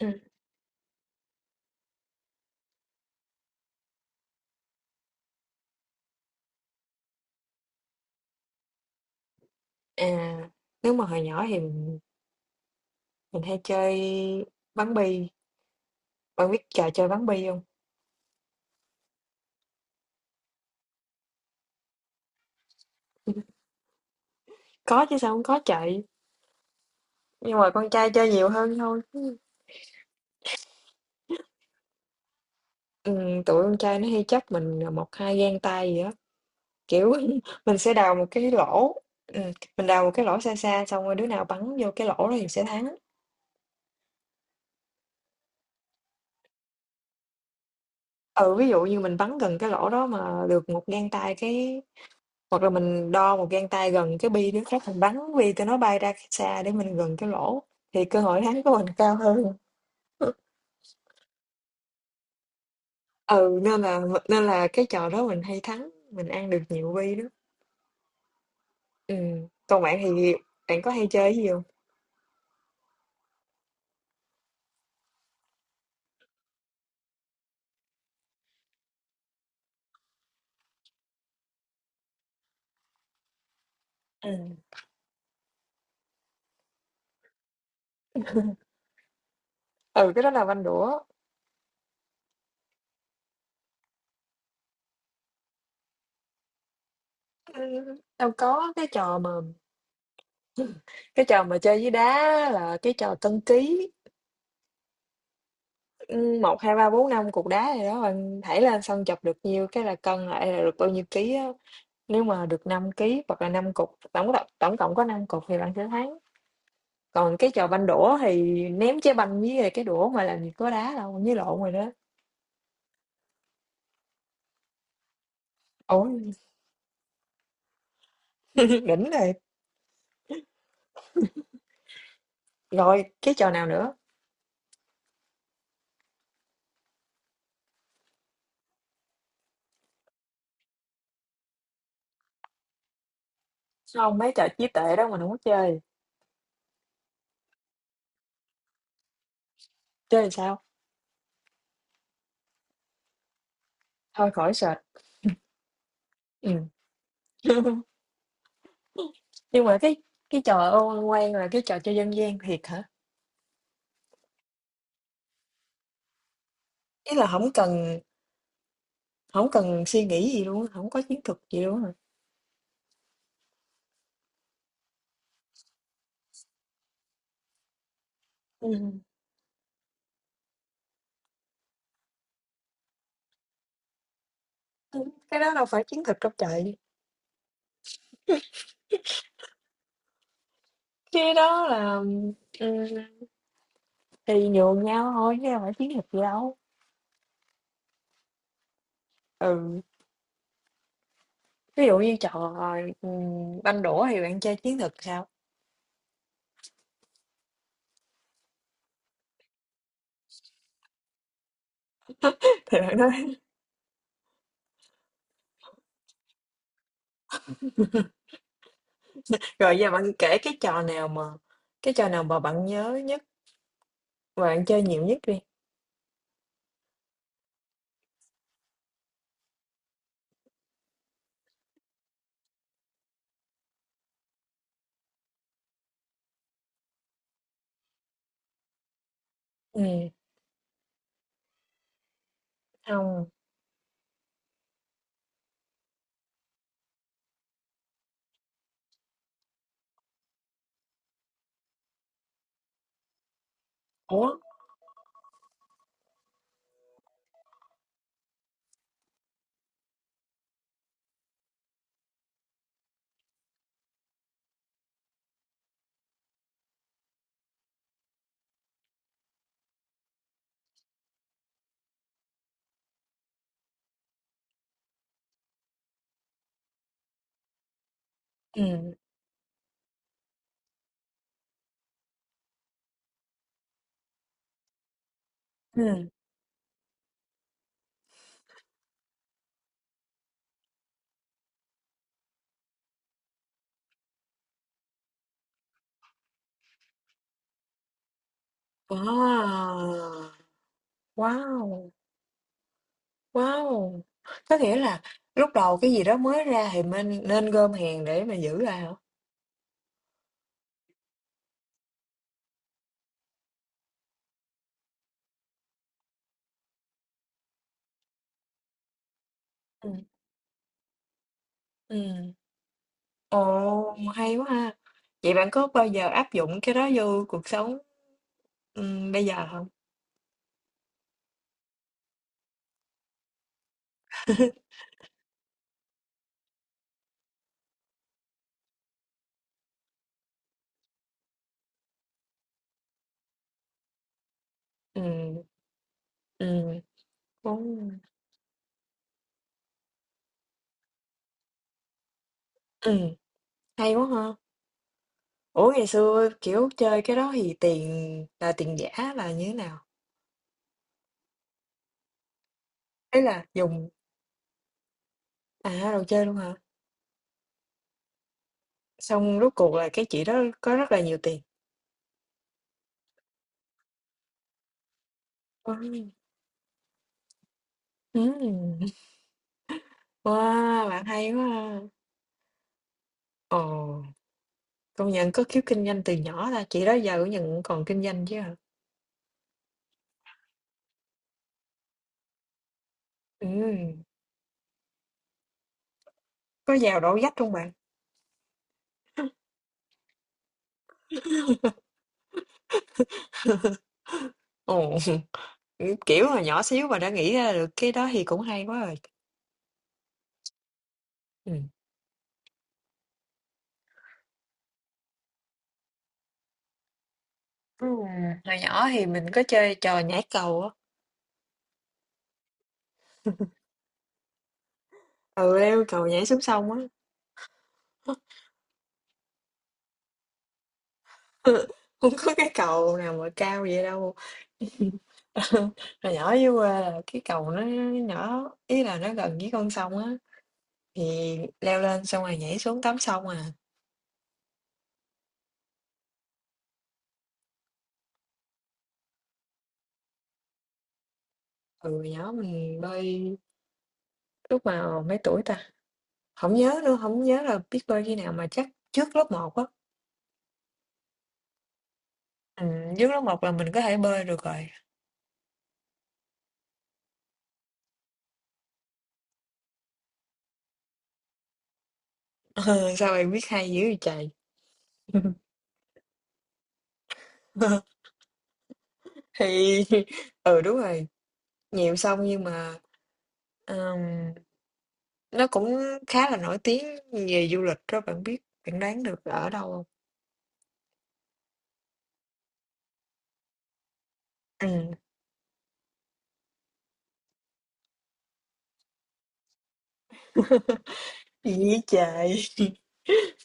Ừm, à, Nếu mà hồi nhỏ thì mình hay chơi bắn bi, bạn biết trò chơi bắn bi không? Có chứ, sao không có trời, nhưng mà con trai chơi nhiều hơn thôi. Tụi con trai nó hay chấp mình, à, 1, 2 gang tay gì đó, kiểu, mình sẽ đào một cái lỗ, ừm, mình đào một cái lỗ xa xa xong rồi đứa nào bắn vô cái lỗ đó thì sẽ thắng. Ừ, ví dụ như mình bắn gần cái lỗ đó mà được một gang tay cái. Hoặc là mình đo một gang tay gần cái bi đó, khác mình bắn bi cho nó bay ra xa để mình gần cái lỗ thì cơ hội thắng của mình cao hơn. Ừ, nên là cái trò đó mình hay thắng, mình ăn được nhiều bi đó. Ừ, còn bạn thì bạn có hay chơi cái gì không? Ừ. Ừ, cái đó là banh đũa. Ừm, đâu có, cái trò mà chơi với đá là cái trò cân ký, 1, 2, 3, 4, 5 cục đá gì đó, bạn thảy lên xong chọc được nhiêu cái là cân lại là được bao nhiêu ký á. Nếu mà được 5 ký hoặc là 5 cục, tổng cộng có 5 cục thì bạn sẽ thắng. Còn cái trò banh đũa thì ném trái banh với lại cái đũa mà làm gì có đá đâu, với lộn rồi đó. Ôi, đỉnh rồi. Rồi, cái trò nào nữa? Không, mấy trò trí tuệ đó mình không có chơi. Chơi làm sao? Thôi khỏi search. Ừ. Nhưng mà cái trò ô quan là cái trò chơi dân gian thiệt hả? Ý là không cần suy nghĩ gì luôn, không có chiến thuật gì luôn hả? Ừ. Cái đó đâu phải chiến thuật trong trời. Cái đó là, ừ, thì nhường nhau thôi chứ không phải chiến thuật gì đâu. Ừ, ví dụ như trò, ừ, banh đũa thì bạn chơi chiến thuật sao? Thì bạn nói rồi, giờ bạn kể cái trò nào mà bạn nhớ nhất và bạn chơi nhiều nhất đi. Ừ. Không. Ủa. Ừ ừ Wow. Wow wow Có nghĩa là lúc đầu cái gì đó mới ra thì mình nên gom hàng để mà giữ lại hả? Ừ ừ Ồ, hay quá ha! Vậy bạn có bao giờ áp dụng cái đó vô cuộc sống, bây giờ không? Ừm, ừm, đúng rồi. Hay quá ha! Ủa, ngày xưa, kiểu, chơi cái đó thì tiền là tiền giả là như thế nào? Ý là dùng, à, đồ chơi luôn hả? Xong rốt cuộc là cái chị đó có rất là nhiều tiền. Wow! Ừm, wow, bạn hay quá ha! Ồ, công nhận có khiếu kinh doanh từ nhỏ ta, chị đó giờ cũng nhận còn kinh doanh chứ hả? Ừm. Có vào đổ vách không bạn? Ồ, kiểu hồi nhỏ xíu mà đã nghĩ ra được cái đó thì cũng hay quá rồi. Ừ. Ừ. Hồi nhỏ thì mình có chơi trò nhảy cầu á. Ừ, leo cầu nhảy xuống sông á. Không có cái cầu nào mà cao vậy đâu. Hồi nhỏ dưới quê là cái cầu nó nhỏ, ý là nó gần với con sông á. Thì leo lên xong rồi nhảy xuống tắm sông à. Ừ, hồi nhỏ mình bơi lúc mà mấy tuổi ta. Không nhớ nữa, không nhớ là biết bơi khi nào mà chắc trước lớp một á. Nước lóc mọc là mình có thể bơi được rồi. Sao bạn biết hay dữ vậy trời? Thì, ừ đúng rồi, nhiều sông nhưng mà, ừm, nó cũng khá là nổi tiếng về du lịch đó bạn biết, bạn đoán được ở đâu không? Ừm, Gì vậy trời?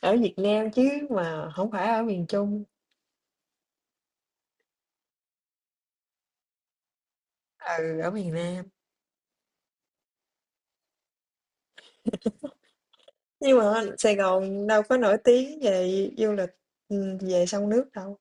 Ở Việt Nam chứ, mà không phải ở miền Trung. Ừ, ở miền Nam. Nhưng mà Sài Gòn đâu có nổi tiếng về du lịch, về sông nước đâu.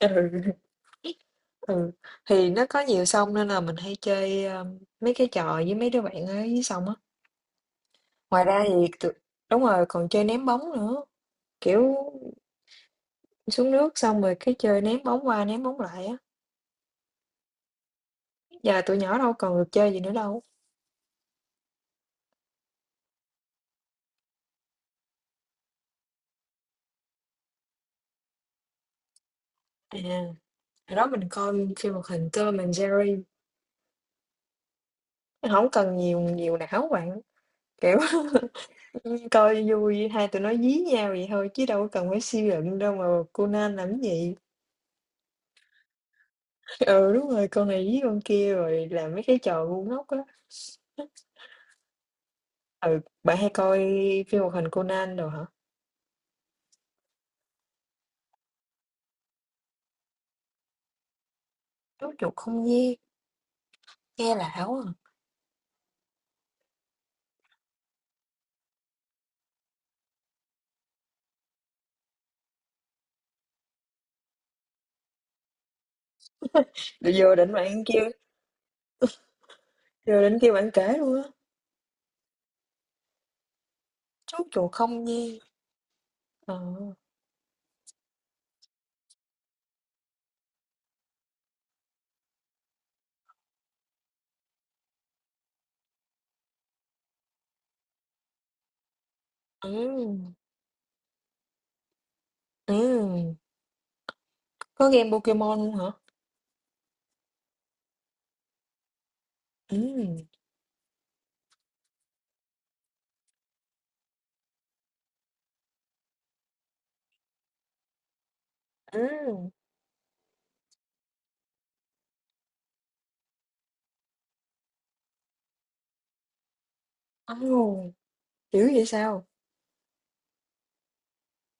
Ừ. Ừ, thì nó có nhiều sông nên là mình hay chơi, mấy cái trò với mấy đứa bạn ở dưới sông á. Ngoài ra thì tụi- đúng rồi, còn chơi ném bóng nữa. Kiểu xuống nước xong rồi cái chơi ném bóng qua ném bóng lại á. Giờ tụi nhỏ đâu còn được chơi gì nữa đâu. À, hồi đó mình coi phim hoạt hình Tom and Jerry. Không cần nhiều nhiều não bạn. Kiểu coi vui hai tụi nó dí nhau vậy thôi chứ đâu có cần phải suy luận đâu mà Conan làm cái gì. Ừ, đúng rồi, con này với con kia rồi làm mấy cái trò ngu ngốc á. Ừ, bạn hay coi phim hoạt hình Conan rồi hả? Chú chuột không gian, nghe lạ quá. À. Rồi Vô định bạn kêu, vô định kêu bạn kể luôn á. Chú chuột không gian. Ờ. Ừ. Ừ. Có game Pokemon luôn hả? Ừ. Ừ. Ồ, dữ vậy sao?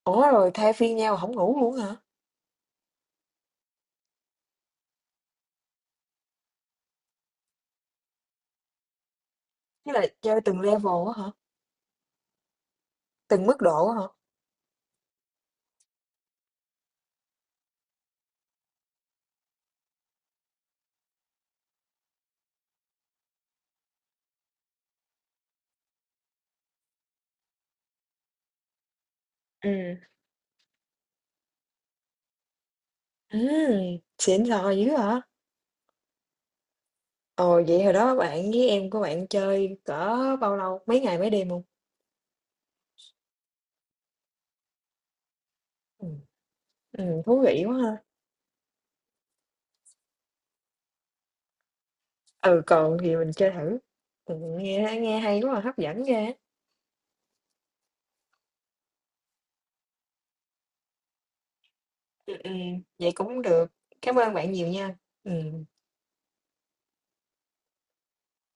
Ủa rồi thay phiên nhau không ngủ luôn hả? Tức là chơi từng level á hả? Từng mức độ á hả? Ừ. Ừ, xịn sò dữ hả? Ồ, vậy hồi đó bạn với em của bạn chơi cỡ bao lâu? Mấy ngày mấy đêm hông? Ừm, thú vị quá ha. Ừ, còn thì mình chơi thử. Nghe nghe hay quá à, hấp dẫn ghê á. Ừm, vậy cũng được. Cảm ơn bạn nhiều nha. Ừm.